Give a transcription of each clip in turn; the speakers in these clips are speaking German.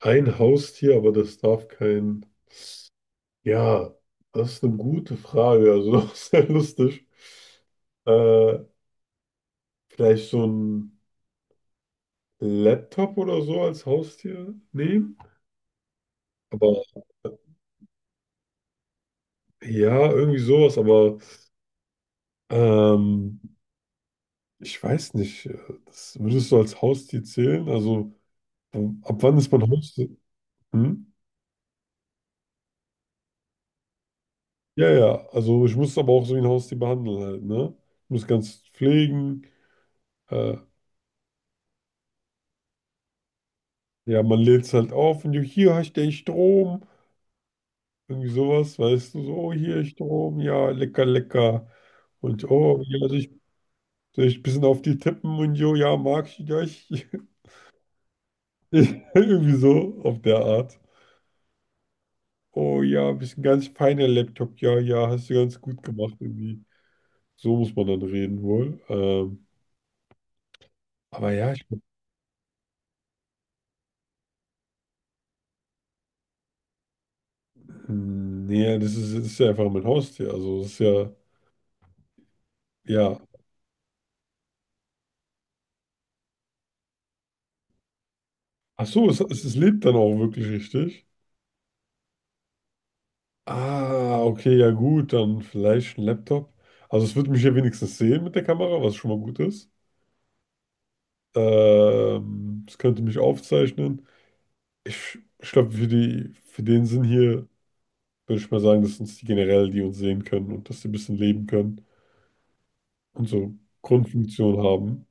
Ein Haustier, aber das darf kein. Ja, das ist eine gute Frage, also auch sehr lustig. Äh, Vielleicht so ein Laptop oder so als Haustier nehmen. Aber äh, ja, irgendwie sowas, aber ähm, ich weiß nicht, das würdest du als Haustier zählen? Also, ab wann ist man Haustier? Hm? Ja, ja, also ich muss es aber auch so wie ein Haustier behandeln halt, ne? Ich muss ganz pflegen. Äh, ja, man lädt es halt auf und du, hier hast du den Strom. Irgendwie sowas, weißt du, so, oh, hier Strom, ja, lecker, lecker. Und oh, ja, soll ich ein bisschen auf die tippen und jo, ja, mag ich dich. Irgendwie so, auf der Art. Oh ja, bist ein ganz feiner Laptop, ja, ja, hast du ganz gut gemacht irgendwie. So muss man dann reden wohl. Aber ja, nee, das ist ja einfach mein Haustier. Also das ist ja, ja. Ach so, es lebt dann auch wirklich richtig. Ah, okay, ja gut, dann vielleicht ein Laptop. Also es wird mich ja wenigstens sehen mit der Kamera, was schon mal gut ist. Es könnte mich aufzeichnen. Ich glaube, für den Sinn hier würde ich mal sagen, dass uns die generell, die uns sehen können und dass sie ein bisschen leben können und so Grundfunktion haben.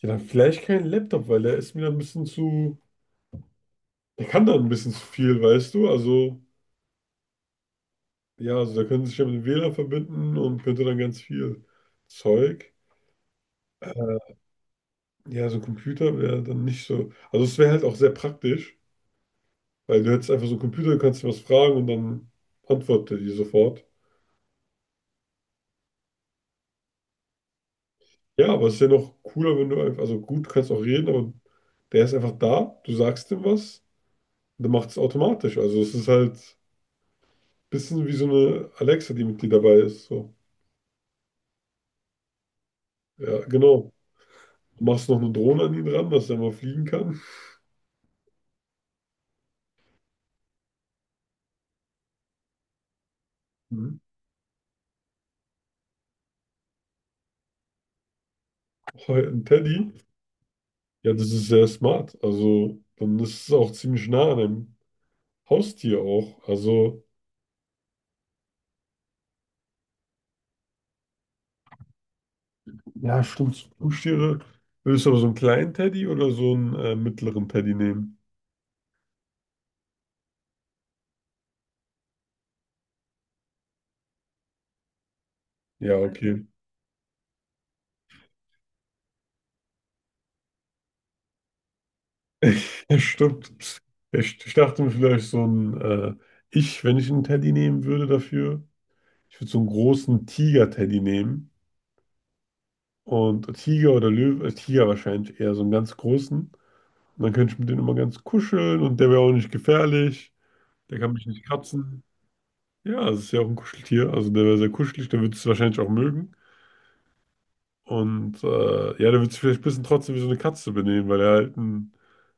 Ja, dann vielleicht kein Laptop, weil der ist mir ein bisschen zu. Der kann dann ein bisschen zu viel, weißt du? Also, ja, also der könnte sich ja mit dem WLAN verbinden und könnte dann ganz viel Zeug. Äh, Ja, so ein Computer wäre dann nicht so. Also, es wäre halt auch sehr praktisch, weil du hättest einfach so einen Computer, du kannst dir was fragen und dann antwortet er dir sofort. Ja, aber es ist ja noch cooler, wenn du einfach. Also, gut, du kannst auch reden, aber der ist einfach da, du sagst ihm was und dann macht es automatisch. Also, es ist halt ein bisschen wie so eine Alexa, die mit dir dabei ist. So. Ja, genau. Du machst noch eine Drohne an ihn ran, dass er mal fliegen kann. Mhm. Oh, ein Teddy. Ja, das ist sehr smart. Also, dann ist es auch ziemlich nah an einem Haustier auch. Also, ja, stimmt. Haustiere. Willst du aber so einen kleinen Teddy oder so einen mittleren Teddy nehmen? Ja, okay. Ja, stimmt. Ich dachte mir vielleicht wenn ich einen Teddy nehmen würde dafür, ich würde so einen großen Tiger-Teddy nehmen. Und Tiger oder Löwe, Tiger wahrscheinlich eher so einen ganz großen. Und dann könnte ich mit dem immer ganz kuscheln und der wäre auch nicht gefährlich. Der kann mich nicht kratzen. Ja, es ist ja auch ein Kuscheltier. Also der wäre sehr kuschelig, der würde es wahrscheinlich auch mögen. Und ja, der wird sich vielleicht ein bisschen trotzdem wie so eine Katze benehmen, weil er halt ein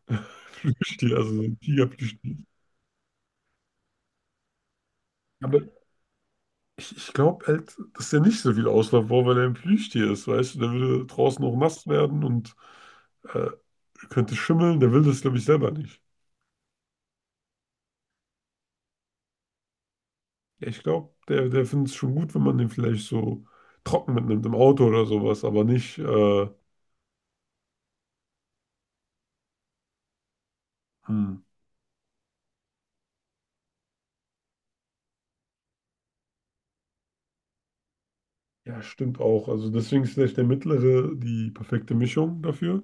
Plüschtier, also so ein Tiger-Plüschtier ist. Aber ich glaube halt, dass der nicht so viel Auslauf braucht, weil er ein Plüschtier ist, weißt du? Der würde draußen auch nass werden und äh, könnte schimmeln. Der will das, glaube ich, selber nicht. Ja, ich glaube, der findet es schon gut, wenn man den vielleicht so trocken mitnimmt im Auto oder sowas, aber nicht. Hm. Ja, stimmt auch. Also deswegen ist vielleicht der mittlere die perfekte Mischung dafür.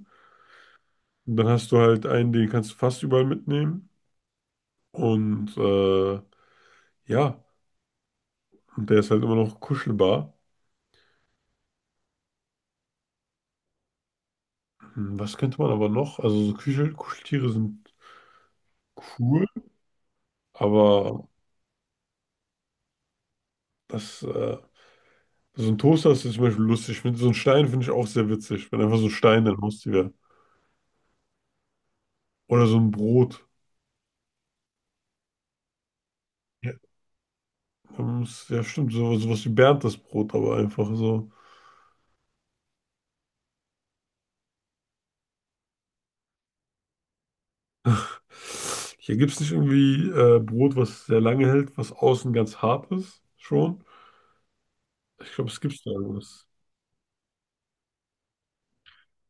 Und dann hast du halt einen, den kannst du fast überall mitnehmen. Und ja, und der ist halt immer noch kuschelbar. Was könnte man aber noch? Also so Kuscheltiere sind cool, aber das, äh, so ein Toaster ist zum Beispiel lustig. So ein Stein finde ich auch sehr witzig, wenn einfach so ein Stein dein Haustier wäre. Oder so ein Brot. Ja, ja stimmt, sowas wie Bernd Brot, aber einfach so. Hier gibt es nicht irgendwie Brot, was sehr lange hält, was außen ganz hart ist, schon. Ich glaube, es gibt da irgendwas.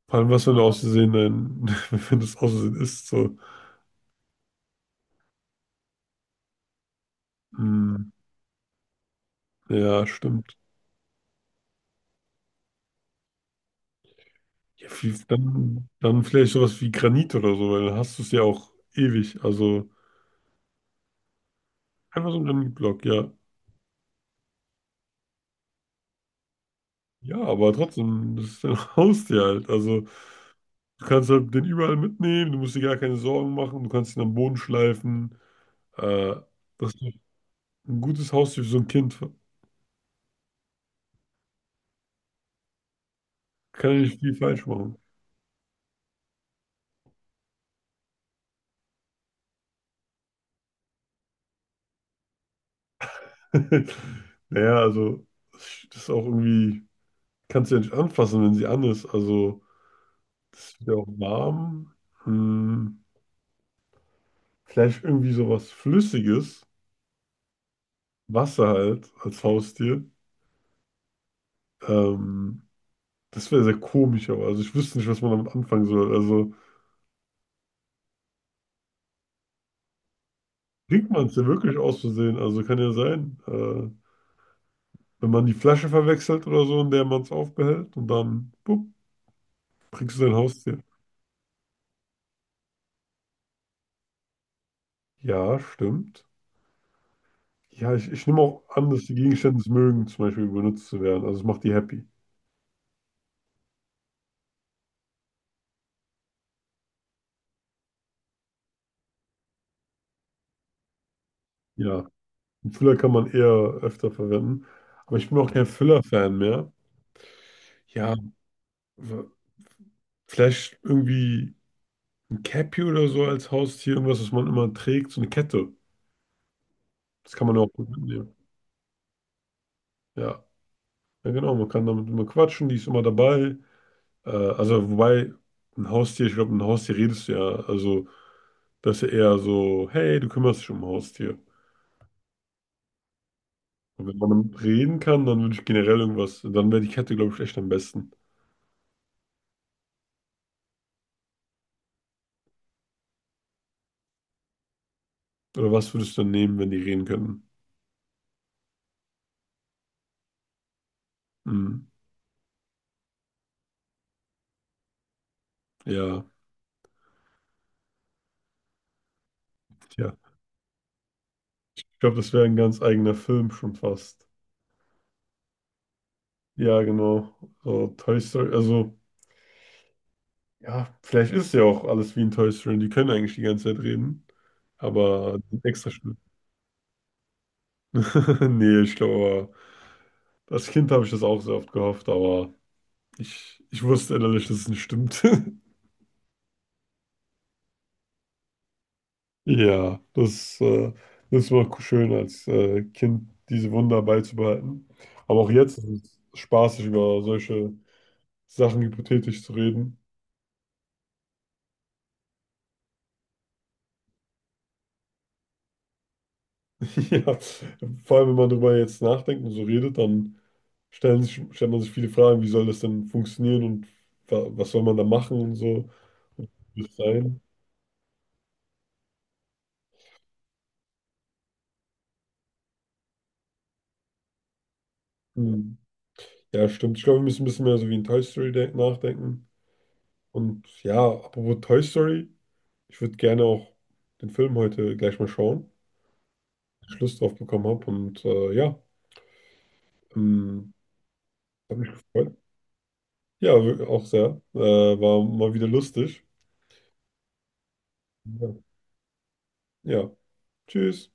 Vor allem, was, wenn du aus Versehen, dann, wenn du es aus Versehen isst, so. Hm, ja, stimmt. Ja, dann vielleicht sowas wie Granit oder so, weil dann hast du es ja auch ewig. Also einfach so ein Granitblock, ja. Ja, aber trotzdem, das ist dein Haustier halt. Also. Du kannst halt den überall mitnehmen, du musst dir gar keine Sorgen machen, du kannst ihn am Boden schleifen. Äh, Das ist ein gutes Haustier für so ein Kind. Kann ja nicht viel falsch machen. Naja, also, das ist auch irgendwie, kannst du ja nicht anfassen, wenn sie an ist. Also, das wird ja auch warm. Hm, Vielleicht irgendwie sowas Flüssiges, Wasser halt, als Haustier. Ähm, Das wäre sehr komisch, aber also ich wüsste nicht, was man damit anfangen soll. Also, trinkt man es ja wirklich aus Versehen, also kann ja sein. Wenn man die Flasche verwechselt oder so, in der man es aufbehält und dann, bup, kriegst du dein Haustier. Ja, stimmt. Ja, ich nehme auch an, dass die Gegenstände es mögen, zum Beispiel benutzt zu werden. Also es macht die happy. Ja, einen Füller kann man eher öfter verwenden. Aber ich bin auch kein Füller-Fan mehr. Ja, w- vielleicht irgendwie ein Cappy oder so als Haustier, irgendwas, was man immer trägt, so eine Kette. Das kann man auch gut mitnehmen. Ja, ja genau, man kann damit immer quatschen, die ist immer dabei. Also, wobei, ein Haustier, ich glaube, mit einem Haustier redest du ja. Also, das ist ja eher so, hey, du kümmerst dich um ein Haustier. Und wenn man damit reden kann, dann würde ich generell irgendwas, dann wäre die Kette, glaube ich, echt am besten. Oder was würdest du dann nehmen, wenn die reden könnten? Hm, ja, ja. Ich glaube, das wäre ein ganz eigener Film schon fast. Ja, genau. So, Toy Story, also, ja, vielleicht ist ja auch alles wie in Toy Story. Die können eigentlich die ganze Zeit reden, aber die sind extra schlimm. Nee, ich glaube, als Kind habe ich das auch sehr oft gehofft, aber. Ich wusste innerlich, dass es nicht stimmt. Ja, das war schön als Kind, diese Wunder beizubehalten. Aber auch jetzt ist es spaßig, über solche Sachen hypothetisch zu reden. Ja, vor allem, wenn man darüber jetzt nachdenkt und so redet, dann stellt man sich viele Fragen, wie soll das denn funktionieren und wa was soll man da machen und so. Wie es sein? Hm. Ja, stimmt. Ich glaube, wir müssen ein bisschen mehr so wie in Toy Story nachdenken. Und ja, apropos Toy Story. Ich würde gerne auch den Film heute gleich mal schauen, dass ich Lust drauf bekommen habe. Und ja, ähm, hat mich gefreut. Ja, auch sehr. War mal wieder lustig. Ja. Ja. Tschüss.